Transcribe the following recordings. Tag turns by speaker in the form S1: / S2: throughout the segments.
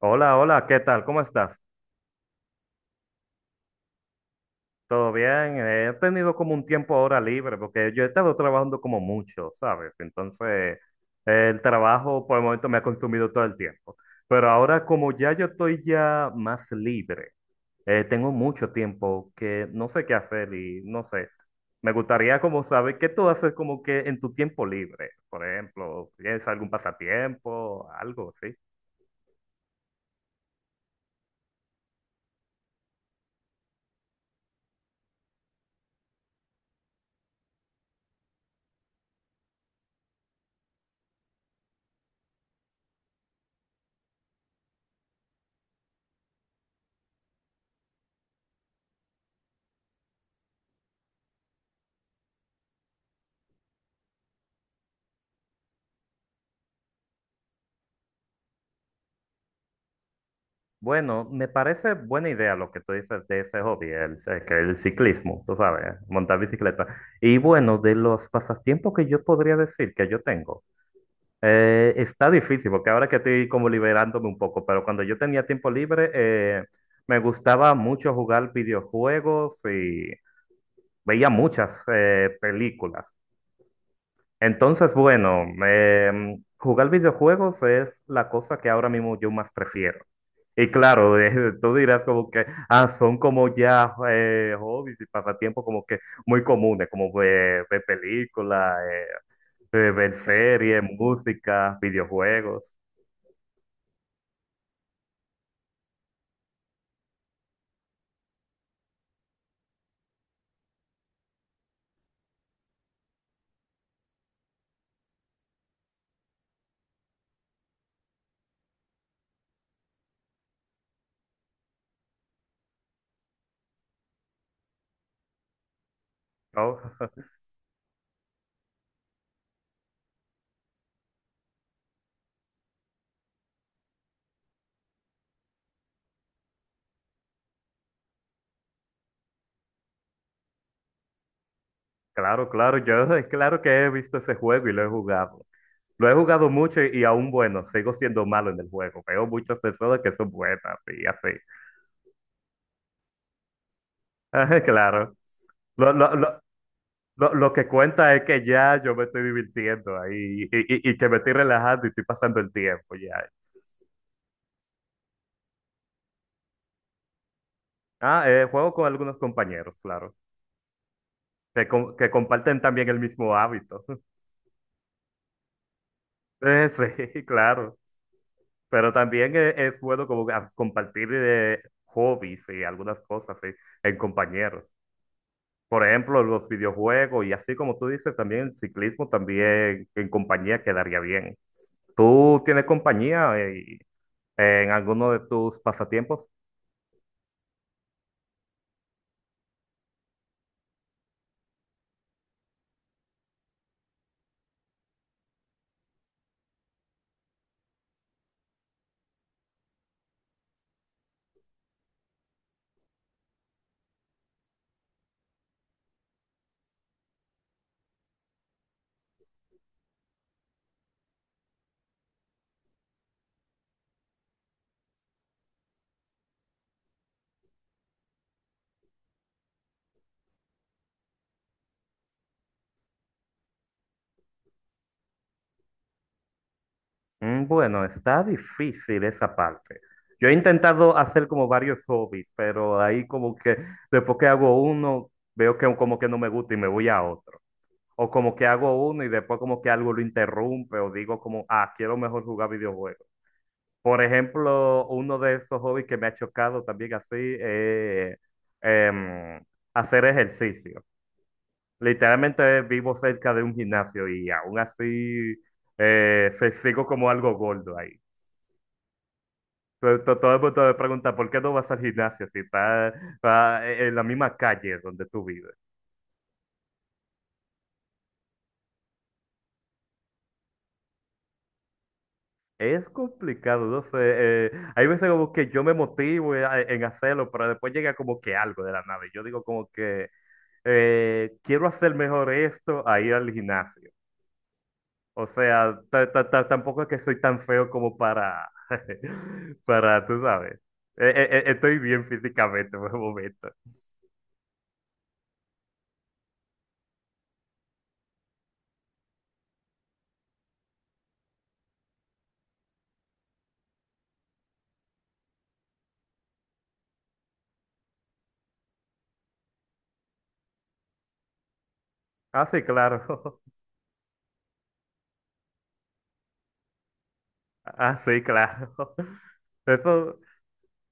S1: Hola, hola, ¿qué tal? ¿Cómo estás? ¿Todo bien? He tenido como un tiempo ahora libre porque yo he estado trabajando como mucho, ¿sabes? Entonces, el trabajo por el momento me ha consumido todo el tiempo. Pero ahora como ya yo estoy ya más libre, tengo mucho tiempo que no sé qué hacer y no sé. Me gustaría como saber qué tú haces como que en tu tiempo libre, por ejemplo, ¿tienes algún pasatiempo, algo así? Bueno, me parece buena idea lo que tú dices de ese hobby, que el ciclismo, tú sabes, montar bicicleta. Y bueno, de los pasatiempos que yo podría decir que yo tengo, está difícil porque ahora que estoy como liberándome un poco, pero cuando yo tenía tiempo libre, me gustaba mucho jugar videojuegos y veía muchas películas. Entonces, bueno, jugar videojuegos es la cosa que ahora mismo yo más prefiero. Y claro, tú dirás como que, ah, son como ya hobbies y pasatiempos como que muy comunes, como ver películas, ver series, música, videojuegos. ¿No? Claro, claro, yo es claro que he visto ese juego y lo he jugado. Lo he jugado mucho y aún bueno, sigo siendo malo en el juego. Veo muchas personas que son buenas y así. Claro. Lo, lo- lo- lo que cuenta es que ya yo me estoy divirtiendo ahí y que me estoy relajando y estoy pasando el tiempo ya. Ah, juego con algunos compañeros, claro, que comparten también el mismo hábito. Sí, claro, pero también es bueno como compartir hobbies y algunas cosas sí, en compañeros. Por ejemplo, los videojuegos y así como tú dices, también el ciclismo también en compañía quedaría bien. ¿Tú tienes compañía en alguno de tus pasatiempos? Bueno, está difícil esa parte. Yo he intentado hacer como varios hobbies, pero ahí como que después que hago uno, veo que como que no me gusta y me voy a otro. O como que hago uno y después como que algo lo interrumpe o digo como, ah, quiero mejor jugar videojuegos. Por ejemplo, uno de esos hobbies que me ha chocado también así, eh, em, hacer ejercicio. Literalmente vivo cerca de un gimnasio y aún así sigo como algo gordo ahí. Todo el mundo me pregunta, ¿por qué no vas al gimnasio si estás en la misma calle donde tú vives? Es complicado, no sé. Hay veces como que yo me motivo en hacerlo, pero después llega como que algo de la nada. Y yo digo como que quiero hacer mejor esto a ir al gimnasio. O sea, tampoco es que soy tan feo como para, para, tú sabes. Estoy bien físicamente por el momento. Ah, sí, claro. Ah, sí, claro. Eso,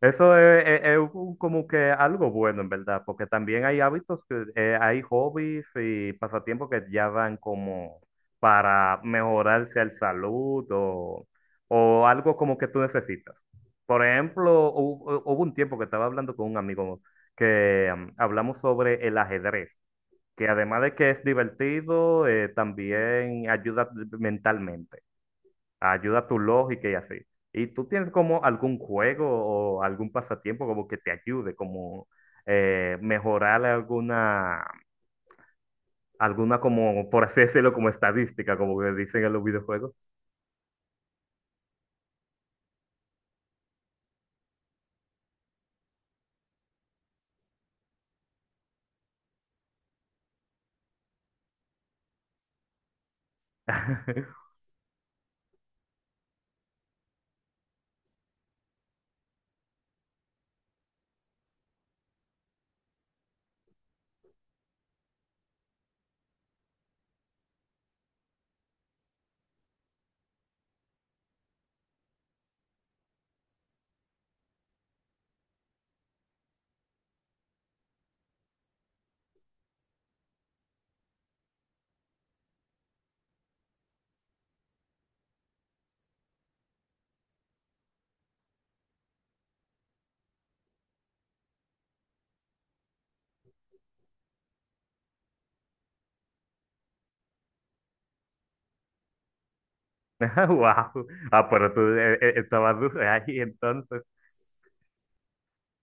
S1: Eso es un como que algo bueno, en verdad, porque también hay hábitos, que, hay hobbies y pasatiempos que ya dan como para mejorarse el salud o algo como que tú necesitas. Por ejemplo, hubo un tiempo que estaba hablando con un amigo que hablamos sobre el ajedrez, que además de que es divertido, también ayuda mentalmente, ayuda a tu lógica y así. ¿Y tú tienes como algún juego o algún pasatiempo como que te ayude, como mejorar alguna como, por así decirlo, como estadística, como que dicen en los videojuegos? Wow. Ah, pero tú estabas duro ahí entonces.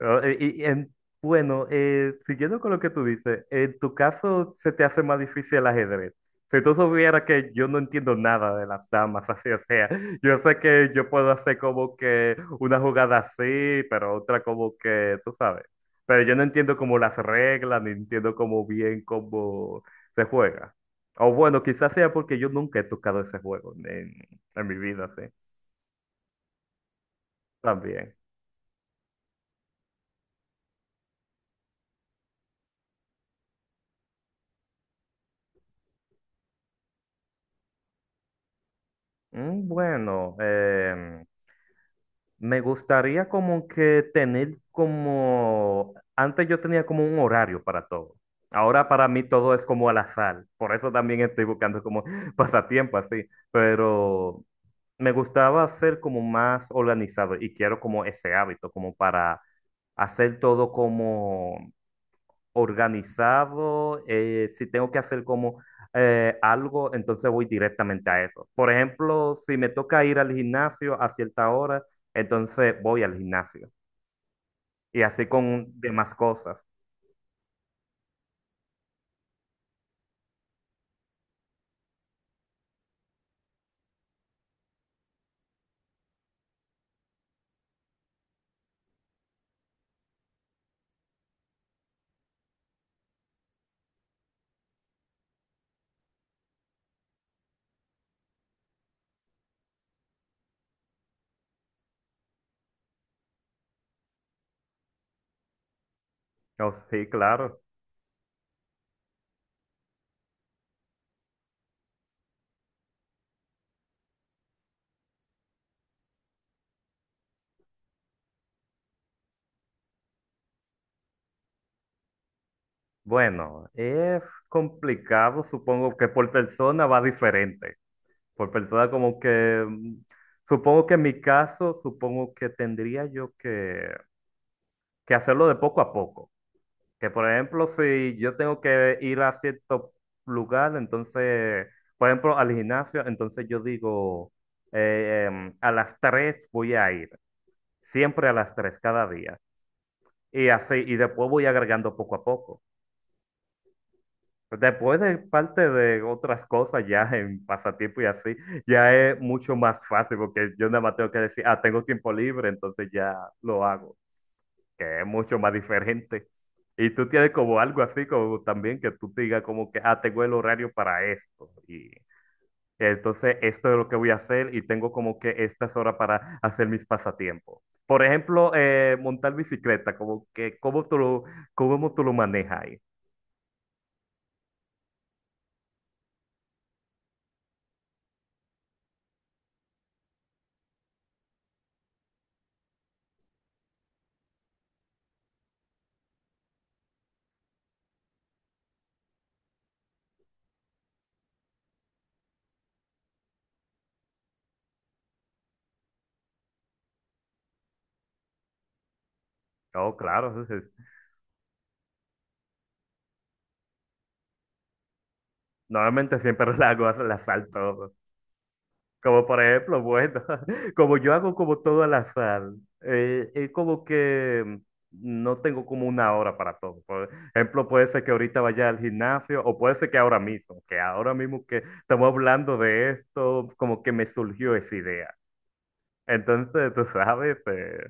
S1: Oh, bueno, siguiendo con lo que tú dices, en tu caso se te hace más difícil el ajedrez. Si tú supieras que yo no entiendo nada de las damas, así, o sea, yo sé que yo puedo hacer como que una jugada así, pero otra como que, tú sabes. Pero yo no entiendo como las reglas, ni entiendo como bien cómo se juega. O bueno, quizás sea porque yo nunca he tocado ese juego en mi vida, sí, también. Bueno, me gustaría como que tener como, antes yo tenía como un horario para todo. Ahora para mí todo es como al azar. Por eso también estoy buscando como pasatiempo así. Pero me gustaba ser como más organizado y quiero como ese hábito, como para hacer todo como organizado, si tengo que hacer como algo, entonces voy directamente a eso. Por ejemplo, si me toca ir al gimnasio a cierta hora, entonces voy al gimnasio. Y así con demás cosas. Oh, sí, claro. Bueno, es complicado, supongo que por persona va diferente. Por persona como que, supongo que en mi caso, supongo que tendría yo que hacerlo de poco a poco. Que por ejemplo, si yo tengo que ir a cierto lugar, entonces, por ejemplo, al gimnasio, entonces yo digo, a las 3 voy a ir, siempre a las 3 cada día. Y así, y después voy agregando poco a poco. Después de parte de otras cosas, ya en pasatiempo y así, ya es mucho más fácil porque yo nada más tengo que decir, ah, tengo tiempo libre, entonces ya lo hago, que es mucho más diferente. Y tú tienes como algo así, como también que tú te digas como que, ah, tengo el horario para esto. Y entonces esto es lo que voy a hacer y tengo como que estas horas para hacer mis pasatiempos. Por ejemplo, montar bicicleta, como que, ¿cómo tú lo manejas ahí? Oh, claro. Entonces, normalmente siempre la hago, la salto. Como por ejemplo, bueno, como yo hago como todo al azar, es como que no tengo como una hora para todo. Por ejemplo, puede ser que ahorita vaya al gimnasio o puede ser que ahora mismo, que estamos hablando de esto, como que me surgió esa idea. Entonces, tú sabes,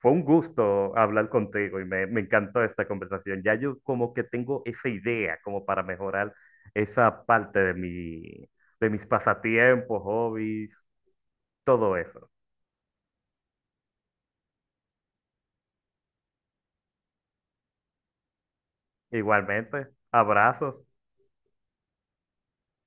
S1: fue un gusto hablar contigo y me encantó esta conversación. Ya yo como que tengo esa idea como para mejorar esa parte de de mis pasatiempos, hobbies, todo eso. Igualmente, abrazos.